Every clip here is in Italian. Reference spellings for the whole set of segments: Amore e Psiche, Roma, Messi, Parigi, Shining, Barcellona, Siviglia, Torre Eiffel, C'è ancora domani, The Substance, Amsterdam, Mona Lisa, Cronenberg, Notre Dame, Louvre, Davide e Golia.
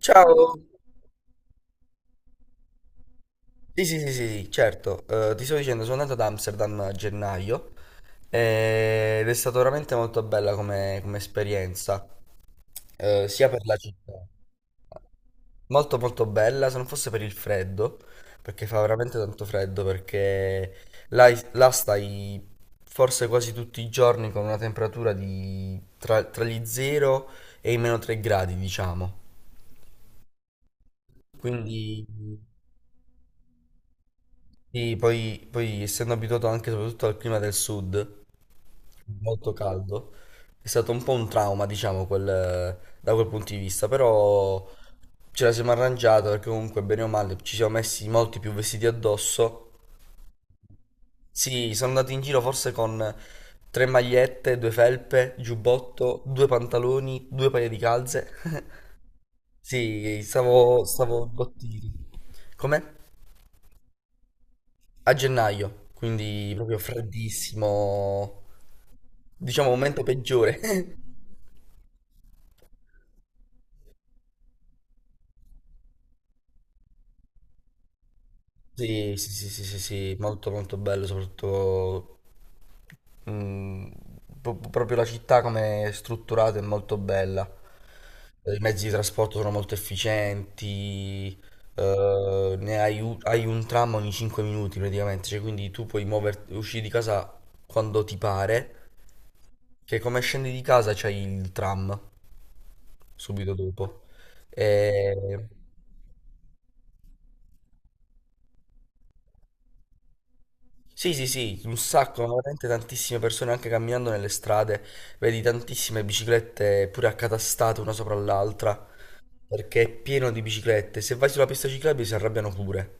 Ciao, sì, sì, sì, sì, sì, certo. Ti sto dicendo, sono andato ad Amsterdam a gennaio, ed è stata veramente molto bella come, esperienza, sia per la città, molto molto bella, se non fosse per il freddo, perché fa veramente tanto freddo, perché là, là stai forse quasi tutti i giorni con una temperatura di tra gli 0 e i meno 3 gradi, diciamo, quindi... Sì, poi essendo abituato anche soprattutto al clima del sud, molto caldo, è stato un po' un trauma, diciamo, da quel punto di vista, però ce la siamo arrangiata perché comunque bene o male ci siamo messi molti più vestiti addosso. Sì, sono andato in giro forse con tre magliette, due felpe, giubbotto, due pantaloni, due paia di calze. Sì, stavo imbottito. Com'è? A gennaio, quindi proprio freddissimo, diciamo momento peggiore. Sì, sì, sì, sì, sì, sì, molto molto bello, soprattutto mm, proprio la città come è strutturata è molto bella. I mezzi di trasporto sono molto efficienti. Hai un tram ogni 5 minuti praticamente, cioè, quindi tu puoi muoverti, uscire di casa quando ti pare, che come scendi di casa c'hai il tram subito dopo. E- Sì, sì, sì, un sacco, ma veramente tantissime persone anche camminando nelle strade, vedi tantissime biciclette pure accatastate una sopra l'altra, perché è pieno di biciclette. Se vai sulla pista ciclabile si arrabbiano pure.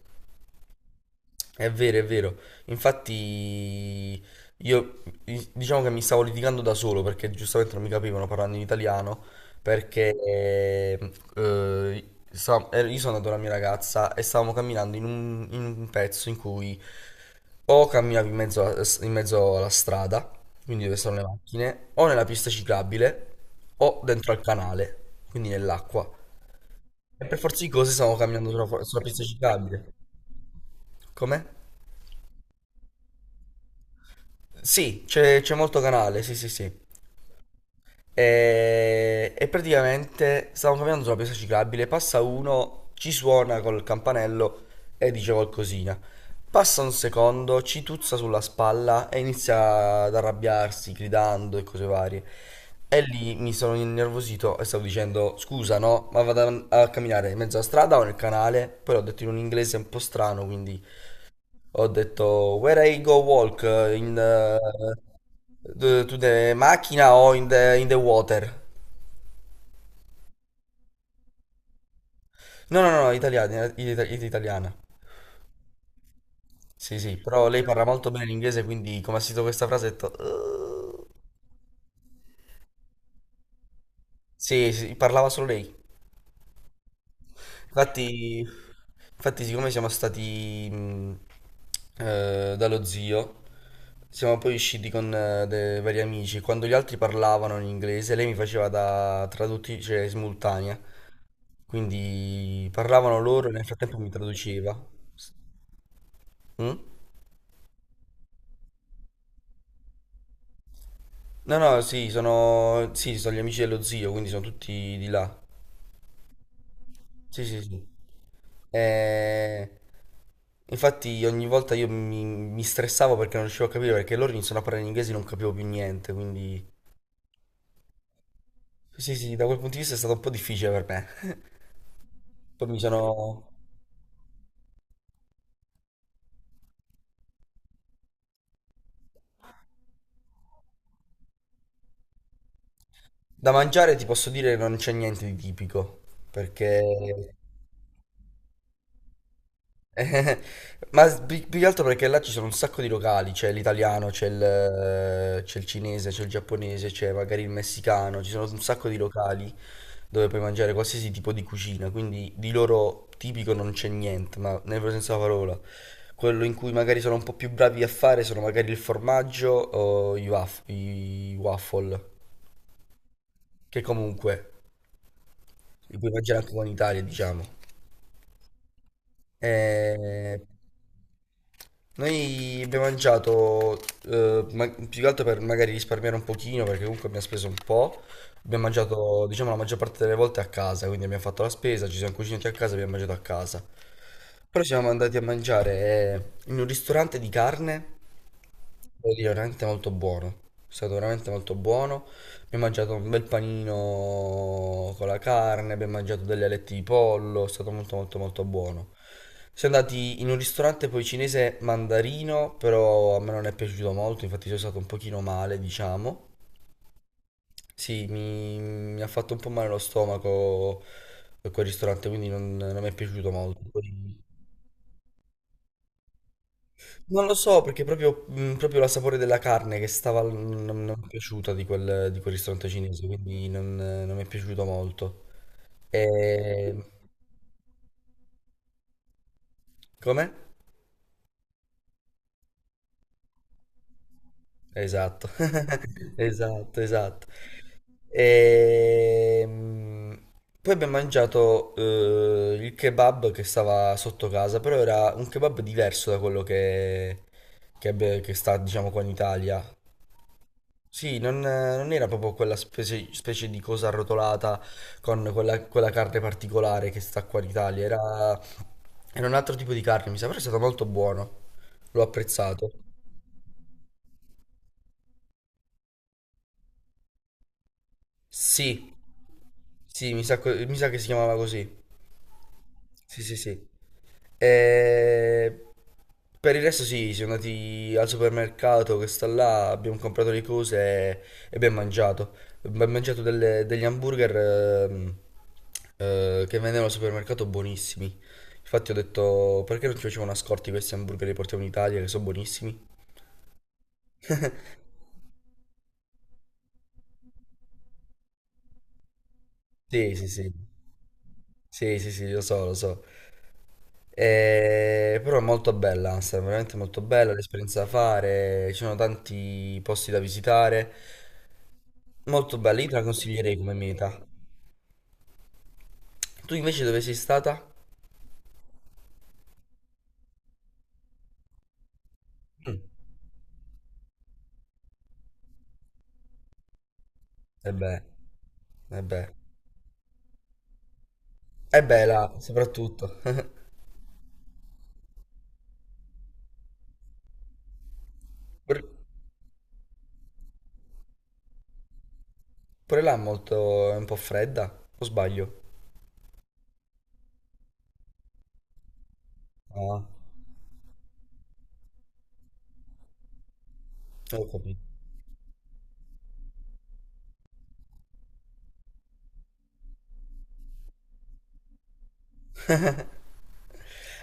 È vero, è vero. Infatti, io diciamo che mi stavo litigando da solo perché giustamente non mi capivano parlando in italiano. Perché io sono andato con la mia ragazza e stavamo camminando in un pezzo in cui o camminavi in mezzo alla strada, quindi dove sono le macchine, o nella pista ciclabile, o dentro al canale, quindi nell'acqua. E per forza di cose stavamo camminando sulla pista ciclabile. Com'è? Sì, c'è molto canale, sì sì sì. E praticamente stavo camminando sulla pista ciclabile, passa uno, ci suona col campanello e dice qualcosina. Passa un secondo, ci tuzza sulla spalla e inizia ad arrabbiarsi, gridando e cose varie. E lì mi sono innervosito e stavo dicendo, scusa no, ma vado a camminare in mezzo alla strada o nel canale? Poi l'ho detto in un inglese un po' strano, quindi ho detto, "where I go walk, in the, to the macchina o in the water?" No, no, no, italiana, italiana. Sì, sì, però lei parla molto bene l'inglese, quindi come ha sentito questa frase ho detto...". Sì, sì, parlava solo lei. Infatti, infatti, siccome siamo stati dallo zio, siamo poi usciti con dei vari amici. Quando gli altri parlavano in inglese, lei mi faceva da traduttrice cioè, simultanea. Quindi parlavano loro e nel frattempo mi traduceva. S- mm? No, no, sì, sì, sono gli amici dello zio, quindi sono tutti di là. Sì, sì, sì. Eh, Infatti ogni volta io mi stressavo perché non riuscivo a capire, perché loro iniziano a parlare in inglese e non capivo più niente, quindi... Sì, sì, sì, da quel punto di vista è stato un po' difficile per me. Poi mi sono... Da mangiare ti posso dire che non c'è niente di tipico, perché Eh, ma più che altro perché là ci sono un sacco di locali, c'è l'italiano, c'è il cinese, c'è il giapponese, c'è magari il messicano, ci sono un sacco di locali dove puoi mangiare qualsiasi tipo di cucina, quindi di loro tipico non c'è niente, ma nel vero senso della parola. Quello in cui magari sono un po' più bravi a fare sono magari il formaggio o i waffle, che comunque li puoi mangiare anche qua in Italia, diciamo. Eh, Noi abbiamo mangiato, più che altro per magari risparmiare un pochino, perché comunque abbiamo speso un po'. Abbiamo mangiato, diciamo, la maggior parte delle volte a casa, quindi abbiamo fatto la spesa, ci siamo cucinati a casa, abbiamo mangiato a casa. Però siamo andati a mangiare in un ristorante di carne. Devo dire, veramente molto buono. È stato veramente molto buono. Abbiamo mangiato un bel panino con la carne, abbiamo mangiato delle alette di pollo, è stato molto molto molto buono. Siamo andati in un ristorante poi cinese mandarino, però a me non è piaciuto molto, infatti sono stato un pochino male, diciamo. Sì, mi ha fatto un po' male lo stomaco, quel ristorante, quindi non mi è piaciuto molto. Poi non lo so perché proprio la sapore della carne che stava, non mi è piaciuta di quel ristorante cinese, quindi non mi è piaciuto molto. E... Come? Esatto, esatto, esatto. E... mh, Poi abbiamo mangiato il kebab che stava sotto casa, però era un kebab diverso da quello che sta, diciamo, qua in Italia. Sì, non era proprio quella specie di cosa arrotolata con quella carne particolare che sta qua in Italia, era un altro tipo di carne, mi sa, però è stato molto buono, l'ho apprezzato. Sì, sì, mi sa che si chiamava così. Sì, sì, sì. E per il resto sì, siamo andati al supermercato che sta là, abbiamo comprato le cose e abbiamo mangiato. Abbiamo mangiato degli hamburger che vendevano al supermercato buonissimi. Infatti ho detto, perché non ci facevano a scorti questi hamburger che li portiamo in Italia che sono buonissimi? Sì, sì, sì. Sì, sì, sì, lo so, lo so. Però è molto bella, Amsterdam, veramente molto bella, l'esperienza da fare, ci sono tanti posti da visitare. Molto bella, io te la consiglierei come meta. Tu invece dove sei stata? E beh, e beh, e beh là, soprattutto. Pure pure là è un po' fredda, o sbaglio? Ah, ho capito.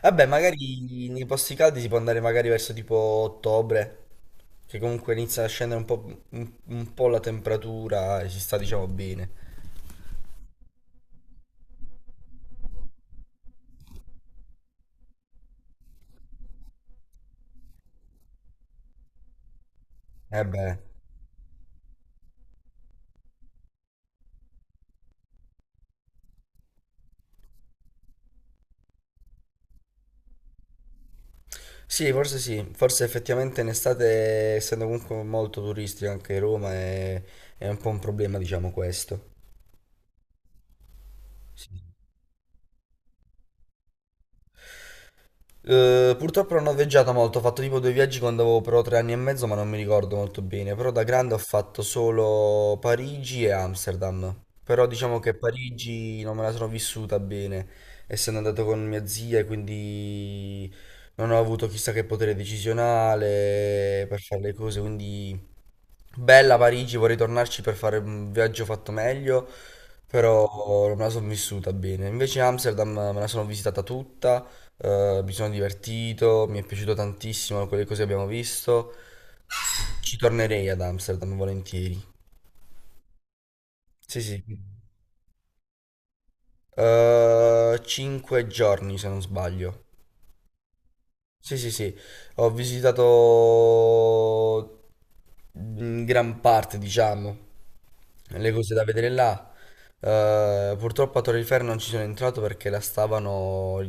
Vabbè, magari nei posti caldi si può andare magari verso tipo ottobre, che comunque inizia a scendere un po' la temperatura e si sta diciamo bene. E beh. Sì, forse effettivamente in estate, essendo comunque molto turistico anche Roma, è un po' un problema, diciamo questo. Sì. Purtroppo non ho viaggiato molto, ho fatto tipo due viaggi quando avevo però 3 anni e mezzo, ma non mi ricordo molto bene. Però da grande ho fatto solo Parigi e Amsterdam. Però diciamo che Parigi non me la sono vissuta bene, essendo andato con mia zia e quindi non ho avuto chissà che potere decisionale per fare le cose, quindi bella Parigi, vorrei tornarci per fare un viaggio fatto meglio, però non me la sono vissuta bene. Invece Amsterdam me la sono visitata tutta, mi sono divertito, mi è piaciuto tantissimo quelle cose che abbiamo visto. Ci tornerei ad Amsterdam volentieri. Sì, sì. 5 giorni se non sbaglio. Sì, sì, sì, ho visitato in gran parte, diciamo, le cose da vedere là. Purtroppo a Torre Eiffel non ci sono entrato perché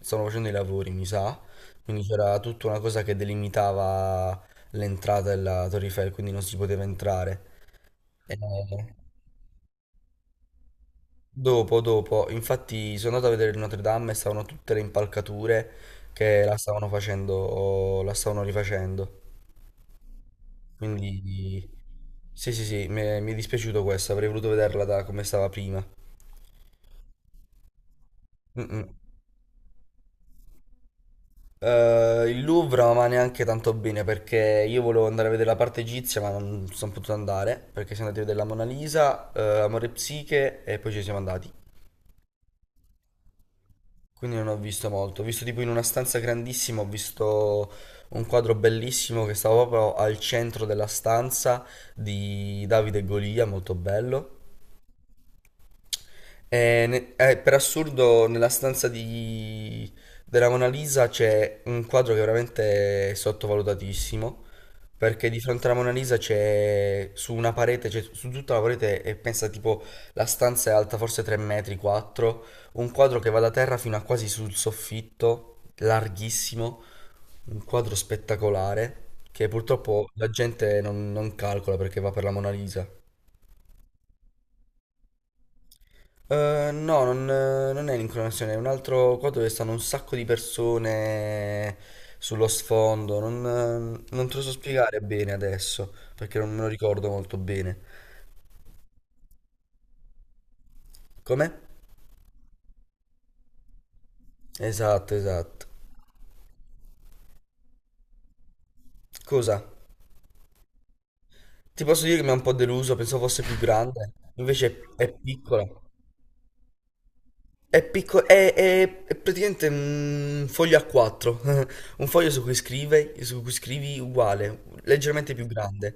stavano facendo i lavori, mi sa, quindi c'era tutta una cosa che delimitava l'entrata della Torre Eiffel, quindi non si poteva entrare. E dopo, dopo, infatti sono andato a vedere il Notre Dame e stavano tutte le impalcature che la stavano facendo, la stavano rifacendo. Quindi sì, sì, sì, mi è dispiaciuto questo, avrei voluto vederla da come stava prima. Mm, mm. Il Louvre non va neanche tanto bene perché io volevo andare a vedere la parte egizia, ma non sono potuto andare perché siamo andati a vedere la Mona Lisa, Amore e Psiche e poi ci siamo andati. Quindi non ho visto molto. Ho visto tipo in una stanza grandissima, ho visto un quadro bellissimo che stava proprio al centro della stanza di Davide e Golia, molto bello. E per assurdo, nella stanza della Mona Lisa c'è un quadro che è veramente sottovalutatissimo. Perché di fronte alla Mona Lisa c'è su una parete, cioè su tutta la parete, e pensa tipo la stanza è alta forse 3 metri, 4, un quadro che va da terra fino a quasi sul soffitto, larghissimo, un quadro spettacolare che purtroppo la gente non calcola perché va per la Mona Lisa. No, non è l'incronazione, è un altro qua dove stanno un sacco di persone sullo sfondo. Non te lo so spiegare bene adesso, perché non me lo ricordo molto bene. Come? Esatto, esatto. Cosa? Ti posso dire che mi ha un po' deluso, pensavo fosse più grande, invece è piccola. È piccolo, è praticamente un foglio A4. Un foglio su cui scrivi uguale, leggermente più grande.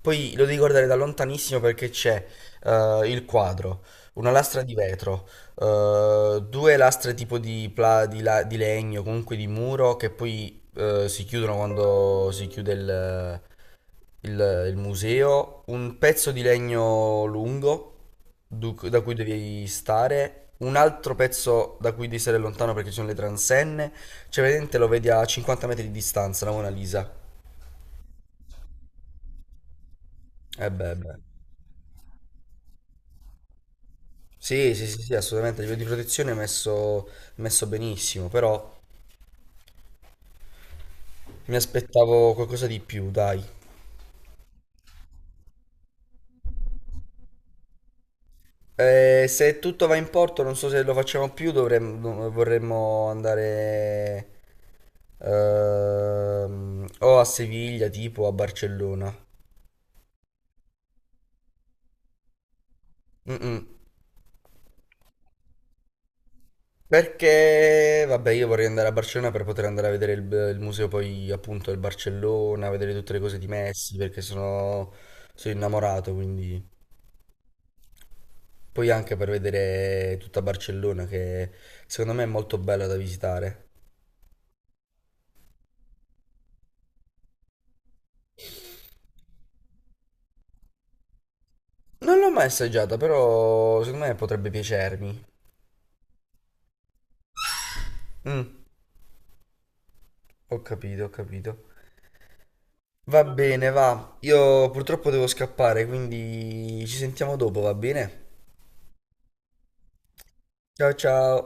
Poi lo devi guardare da lontanissimo perché c'è il quadro, una lastra di vetro, due lastre tipo di legno, comunque di muro, che poi si chiudono quando si chiude il museo, un pezzo di legno lungo da cui devi stare, un altro pezzo da cui devi stare lontano perché ci sono le transenne, cioè vedente lo vedi a 50 metri di distanza, la Mona Lisa. Eh beh, beh. Sì, sì, sì, sì, assolutamente, a livello di protezione è messo benissimo, però mi aspettavo qualcosa di più, dai. Se tutto va in porto, non so se lo facciamo più, dovremmo, vorremmo andare o a Siviglia, tipo o a Barcellona. Mm-mm. Perché, vabbè, io vorrei andare a Barcellona per poter andare a vedere il museo poi appunto del Barcellona, vedere tutte le cose di Messi, perché sono innamorato, quindi... Poi anche per vedere tutta Barcellona, che secondo me è molto bella da visitare. Non l'ho mai assaggiata, però secondo me potrebbe piacermi. Mm, ho capito, ho capito. Va bene, va. Io purtroppo devo scappare, quindi ci sentiamo dopo, va bene? Ciao ciao.